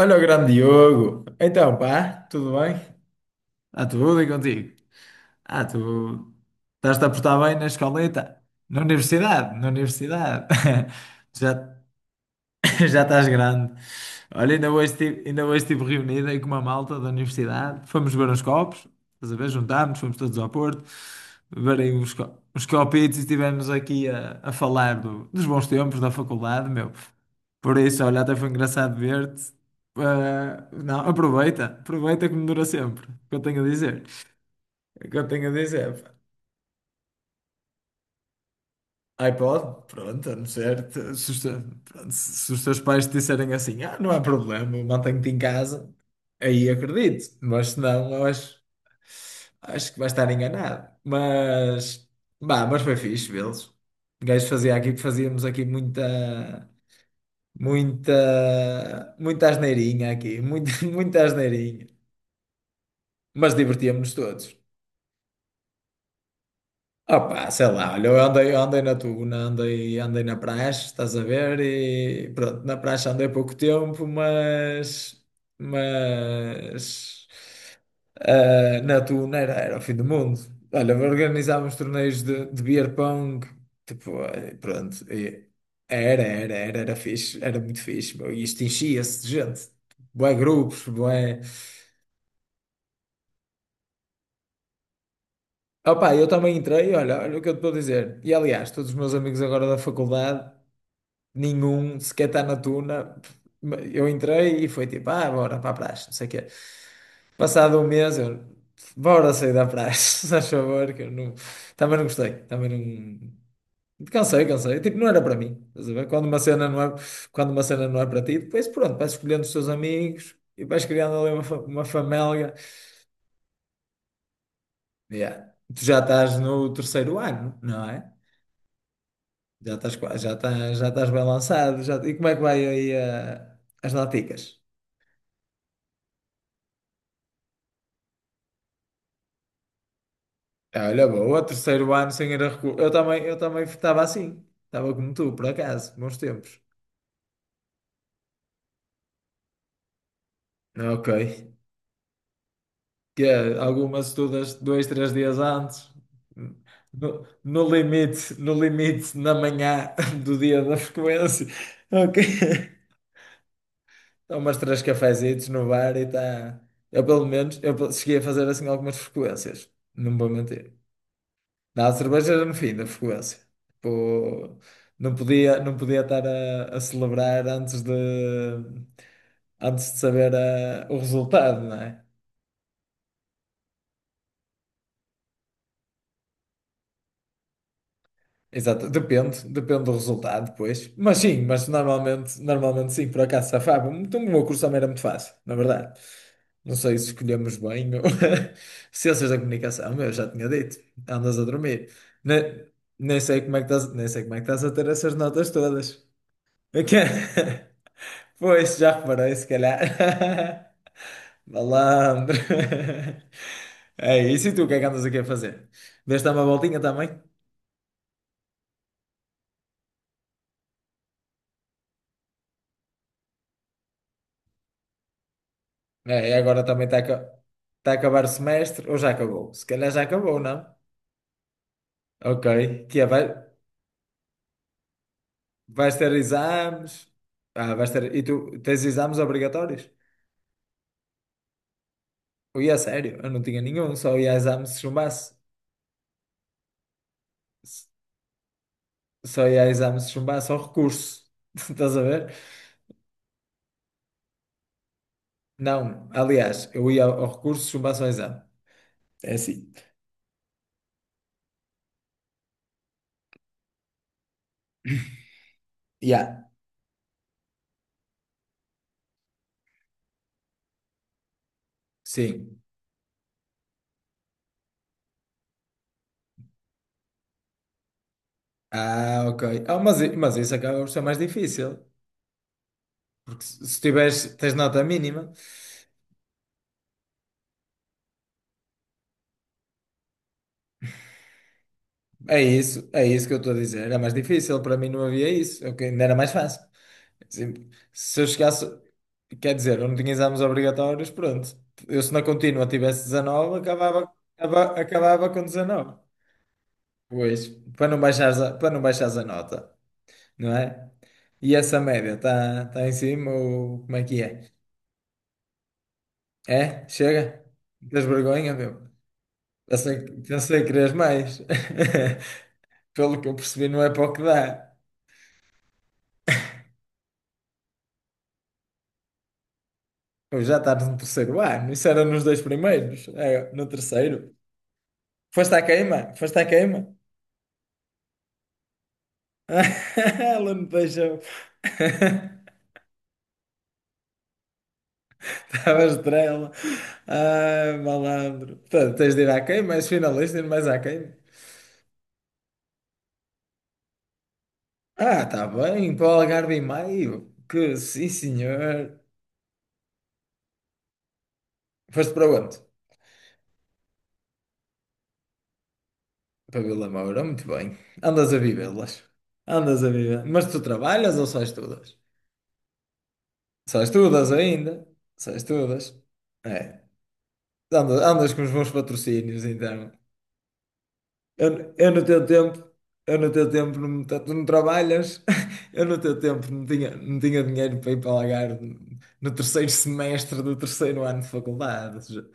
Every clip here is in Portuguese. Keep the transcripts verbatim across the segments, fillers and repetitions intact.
Olha o grande Diogo. Então, pá, tudo bem? Ah, tudo e contigo? Ah, tu estás-te a portar bem na escoleta? Na universidade? Na universidade? Já. Já estás grande. Olha, ainda hoje estive, ainda hoje estive reunido aí com uma malta da universidade. Fomos beber uns copos, estás a ver? Juntámos, fomos todos ao Porto, beber aí uns, co- uns copitos e estivemos aqui a, a falar do- dos bons tempos da faculdade, meu. Por isso, olha, até foi engraçado ver-te. Ah, não, aproveita, aproveita que me dura sempre, o que eu tenho a dizer. O que eu tenho a dizer. iPod, pronto, a não ser, te- se os, te- pronto, se- se os teus pais te disserem assim, ah, não há problema, mantenho-te em casa, aí acredito, mas se não, eu acho, acho que vai estar enganado. Mas, bah, mas foi fixe vê-los. O gajo fazia aqui, fazíamos aqui muita, muita, muita asneirinha aqui, muita, muita asneirinha, mas divertíamos-nos todos. Opa, sei lá, olha, eu andei, eu andei na Tuna, andei, andei na praxe, estás a ver? E pronto, na praxe andei pouco tempo, mas, mas ah, na Tuna era, era o fim do mundo. Olha, organizávamos torneios de, de beer pong, tipo, eh, pronto, e era, era, era, era fixe, era muito fixe, meu, e isto enchia-se de gente, bué grupos, bué... Opa, eu também entrei, olha, olha o que eu te estou a dizer. E aliás, todos os meus amigos agora da faculdade. Nenhum sequer está na tuna. Eu entrei e foi tipo, ah, bora para a praxe, não sei o quê. Passado um mês, eu, bora sair da praxe, se faz favor, que eu não... Também não gostei, também não... Cansei, cansei. Tipo, não era para mim. Estás a ver? Quando uma cena não é, quando uma cena não é para ti, depois pronto, vais escolhendo os teus amigos e vais criando ali uma, fa- uma família. Yeah. Tu já estás no terceiro ano, não é? Já estás, qua- já estás, já estás bem lançado. Já... E como é que vai aí ah, as laticas? Ah, olha, boa, terceiro ano sem ir a recurso. Eu também, eu também estava assim. Estava como tu, por acaso, bons tempos. Ok. Que é, algumas estudas dois, três dias antes. No, no limite, no limite, na manhã do dia da frequência. Ok. Tomas três cafezitos no bar e está. Eu, pelo menos, eu pe- cheguei a fazer assim algumas frequências. Não vou mentir. Não, a cerveja era no fim da frequência. Tipo, não podia, não podia estar a, a celebrar antes de, antes de saber ah, o resultado, não é? Exato, depende, depende do resultado depois. Mas sim, mas normalmente, normalmente sim, por acaso safava. Então, o meu curso também era muito fácil, na verdade. Não sei se escolhemos bem. Ou- Ciências da comunicação, eu já tinha dito. Andas a dormir. Ne- Nem, sei como é que estás, nem sei como é que estás a ter essas notas todas. Ok. Pois, já reparei, se calhar. Malandro. É isso, e tu, o que é que andas aqui a fazer? Deste dar uma voltinha também? É, e agora também está a, ca- tá a acabar o semestre, ou já acabou? Se calhar já acabou, não? Ok, que é, vai, vais ter exames? Ah, vais ter, e tu tens exames obrigatórios? Ui, a sério, eu não tinha nenhum, só ia a exame se chumbasse. S- Só ia a exame se chumbasse ao recurso. Estás a ver? Não, aliás, eu ia ao ao recurso se chumbasse ao exame. É assim. Yeah. Sim. Ah, ok. Ah, mas, i- mas isso acaba por ser mais difícil. Porque se se tiveres, tens nota mínima, é isso, é isso que eu estou a dizer. Era mais difícil, para mim não havia isso. Eu, que- ainda era mais fácil. Assim, se eu chegasse, quer dizer, eu não tinha exames obrigatórios, pronto. Eu se na contínua tivesse dezenove, acabava, acaba- acabava com dezenove. Pois, para não baixares a, para não baixares a nota, não é? E essa média está tá tá em cima ou como é que é? É? Chega? Tens vergonha, meu? Pensei, pensei que querias mais. Pelo que eu percebi, não é para o que dá. Pois já estás no terceiro ano. Isso era nos dois primeiros. É, no terceiro. Foste à queima? Foste à queima? Ela me deixou. Estava estrela. Ai, malandro. Portanto, tens de ir à queima, és finalista, ir mais à queima. Ah, tá bem. Para o Algarve e Maio. Que sim, senhor. Foste para onde? Para Vila Moura, muito bem. Andas a vivê-las. Andas a viver. Mas tu trabalhas ou só estudas? Só estudas ainda. Só estudas. É. Andas, andas com os bons patrocínios, então. Eu, eu no teu tempo, eu no teu tempo, não, me- tu não trabalhas. Eu no teu tempo não tinha, não tinha dinheiro para ir para Algarve no terceiro semestre do terceiro ano de faculdade. Ou seja,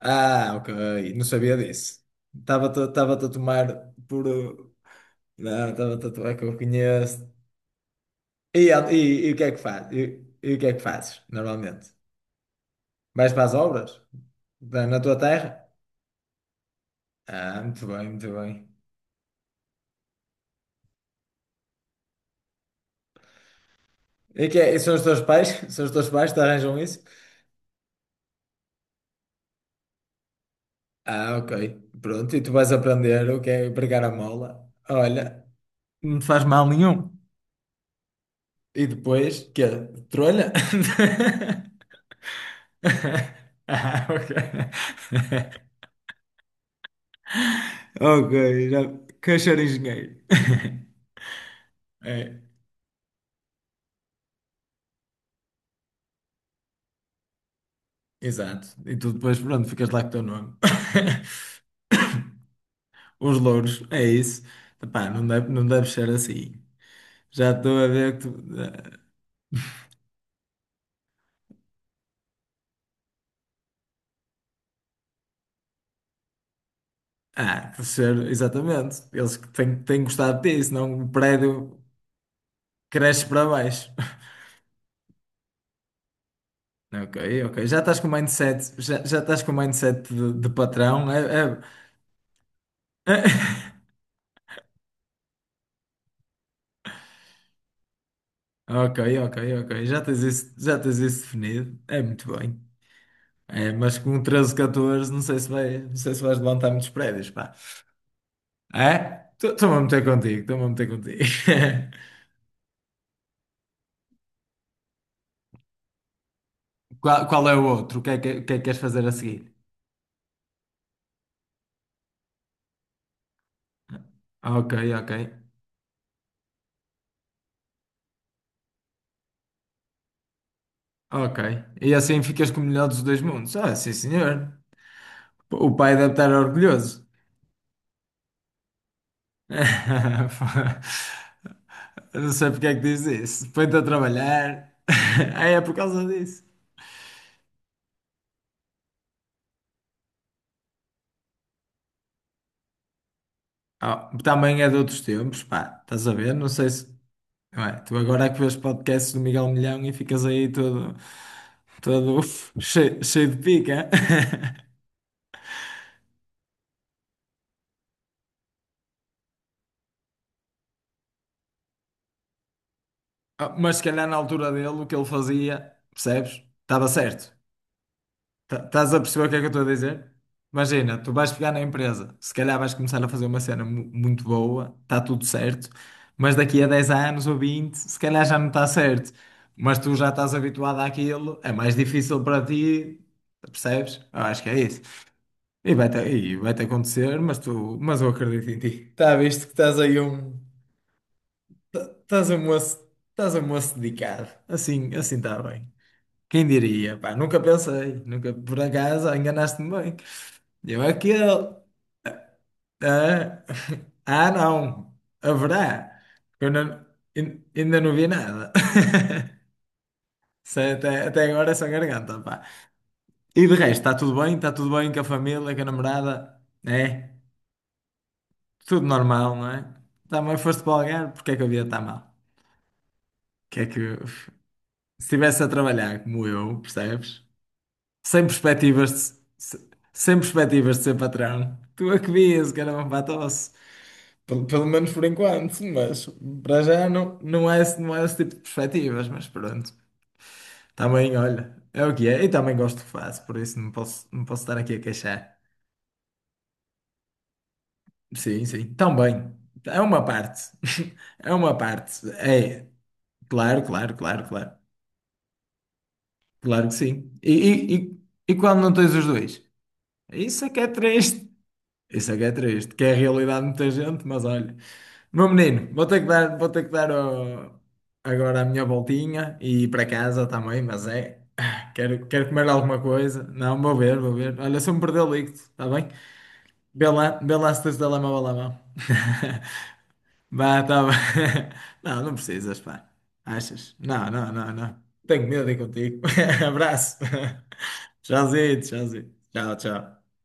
ah, ok. Não sabia disso. Estava-te estava-te a tomar por... uh, não, estava-te a tomar que eu conheço. E, e, e o que é que faz? E, e o que é que fazes, normalmente? Vais para as obras? Na na tua terra? Ah, muito bem, muito bem. E, que é- e são os teus pais? São os teus pais que te arranjam isso? Ah, ok. Pronto, e tu vais aprender o que é pregar a mola. Olha, não te faz mal nenhum. E depois, quê? Trolha? Ah, ok. Ok, já... Cachorro engenheiro. É, exato. E tu depois, pronto, ficas lá com o teu nome. Os louros, é isso. Epá, não deve, não deve ser assim. Já estou a ver que tu. eh, Ah, deve ser, exatamente. Eles que têm, têm gostado disso, não o prédio cresce para baixo. Ok, ok. Já estás com o mindset, já, já estás com o mindset de, de patrão. É, é- Ok, ok, ok. Já tens isso, já tens isso definido. É muito bem. É, mas com treze catorze não sei se vai, não sei se vais levantar muitos prédios, pá. É? Estou-me a meter contigo, estou-me a meter contigo. Qual, qual é o outro? O que é que, o que é que queres fazer a seguir? Ah, ok, ok, ok. E assim ficas com o melhor dos dois mundos. Ah, sim, senhor. O pai deve estar orgulhoso. Não sei porque é que diz isso. Põe-te a trabalhar. Ah, é por causa disso. Ah, também é de outros tempos, pá. Estás a ver? Não sei se. Não é? Tu agora é que vês podcasts do Miguel Milhão e ficas aí todo, todo cheio, cheio de pica. Ah, mas se calhar na altura dele, o que ele fazia, percebes? Estava certo. Ta- Estás a perceber o que é que eu estou a dizer? Imagina, tu vais pegar na empresa, se calhar vais começar a fazer uma cena mu- muito boa, está tudo certo, mas daqui a dez anos ou vinte se calhar já não está certo. Mas tu já estás habituado àquilo, é mais difícil para ti, percebes? Eu acho que é isso. E vai-te e vai-te acontecer, mas, tu, mas eu acredito em ti. Está visto que estás aí um. Estás um moço, estás um moço dedicado. Assim, assim está bem. Quem diria? Pá, nunca pensei, nunca, por acaso, enganaste-me bem. Eu aquele. Ah, ah, não, haverá. Eu não- in- ainda não vi nada. Isso é até, até agora é só garganta, pá. E de resto, está tudo bem? Está tudo bem com a família, com a namorada? É? Tudo normal, não é? Também foste para o Algarve, porque é que a vida está mal? Que é que. Se estivesse a trabalhar como eu, percebes? Sem perspectivas de, se- sem perspectivas de ser patrão. Tu é que vias, caramba, para a tosse. Pelo, pelo menos por enquanto, mas para já não, não é, esse- não é esse tipo de perspectivas, mas pronto. Também, olha, é o que é. E também gosto do que faço, por isso não posso, não posso estar aqui a queixar. Sim, sim, também. É uma parte. É uma parte. É, claro, claro, claro, claro. Claro que sim. E, e, e, e quando não tens os dois? Isso é que é triste. Isso é que é triste, que é a realidade de muita gente, mas olha. Meu menino, vou ter que dar, vou ter que dar ó, agora a minha voltinha e ir para casa também, mas é. Ah, Quero, quero comer alguma coisa. Não, vou ver, vou ver. Olha, se eu me perder, ligo-te, está bem? Vê lá, vê lá se tens o telemóvel à mão. Vá, tá bem. Não, não precisas, pá. Achas? Não, não, não, não. Tenho medo de ir contigo. Abraço. Tchauzinho, tchauzinho. Tchau, tchau.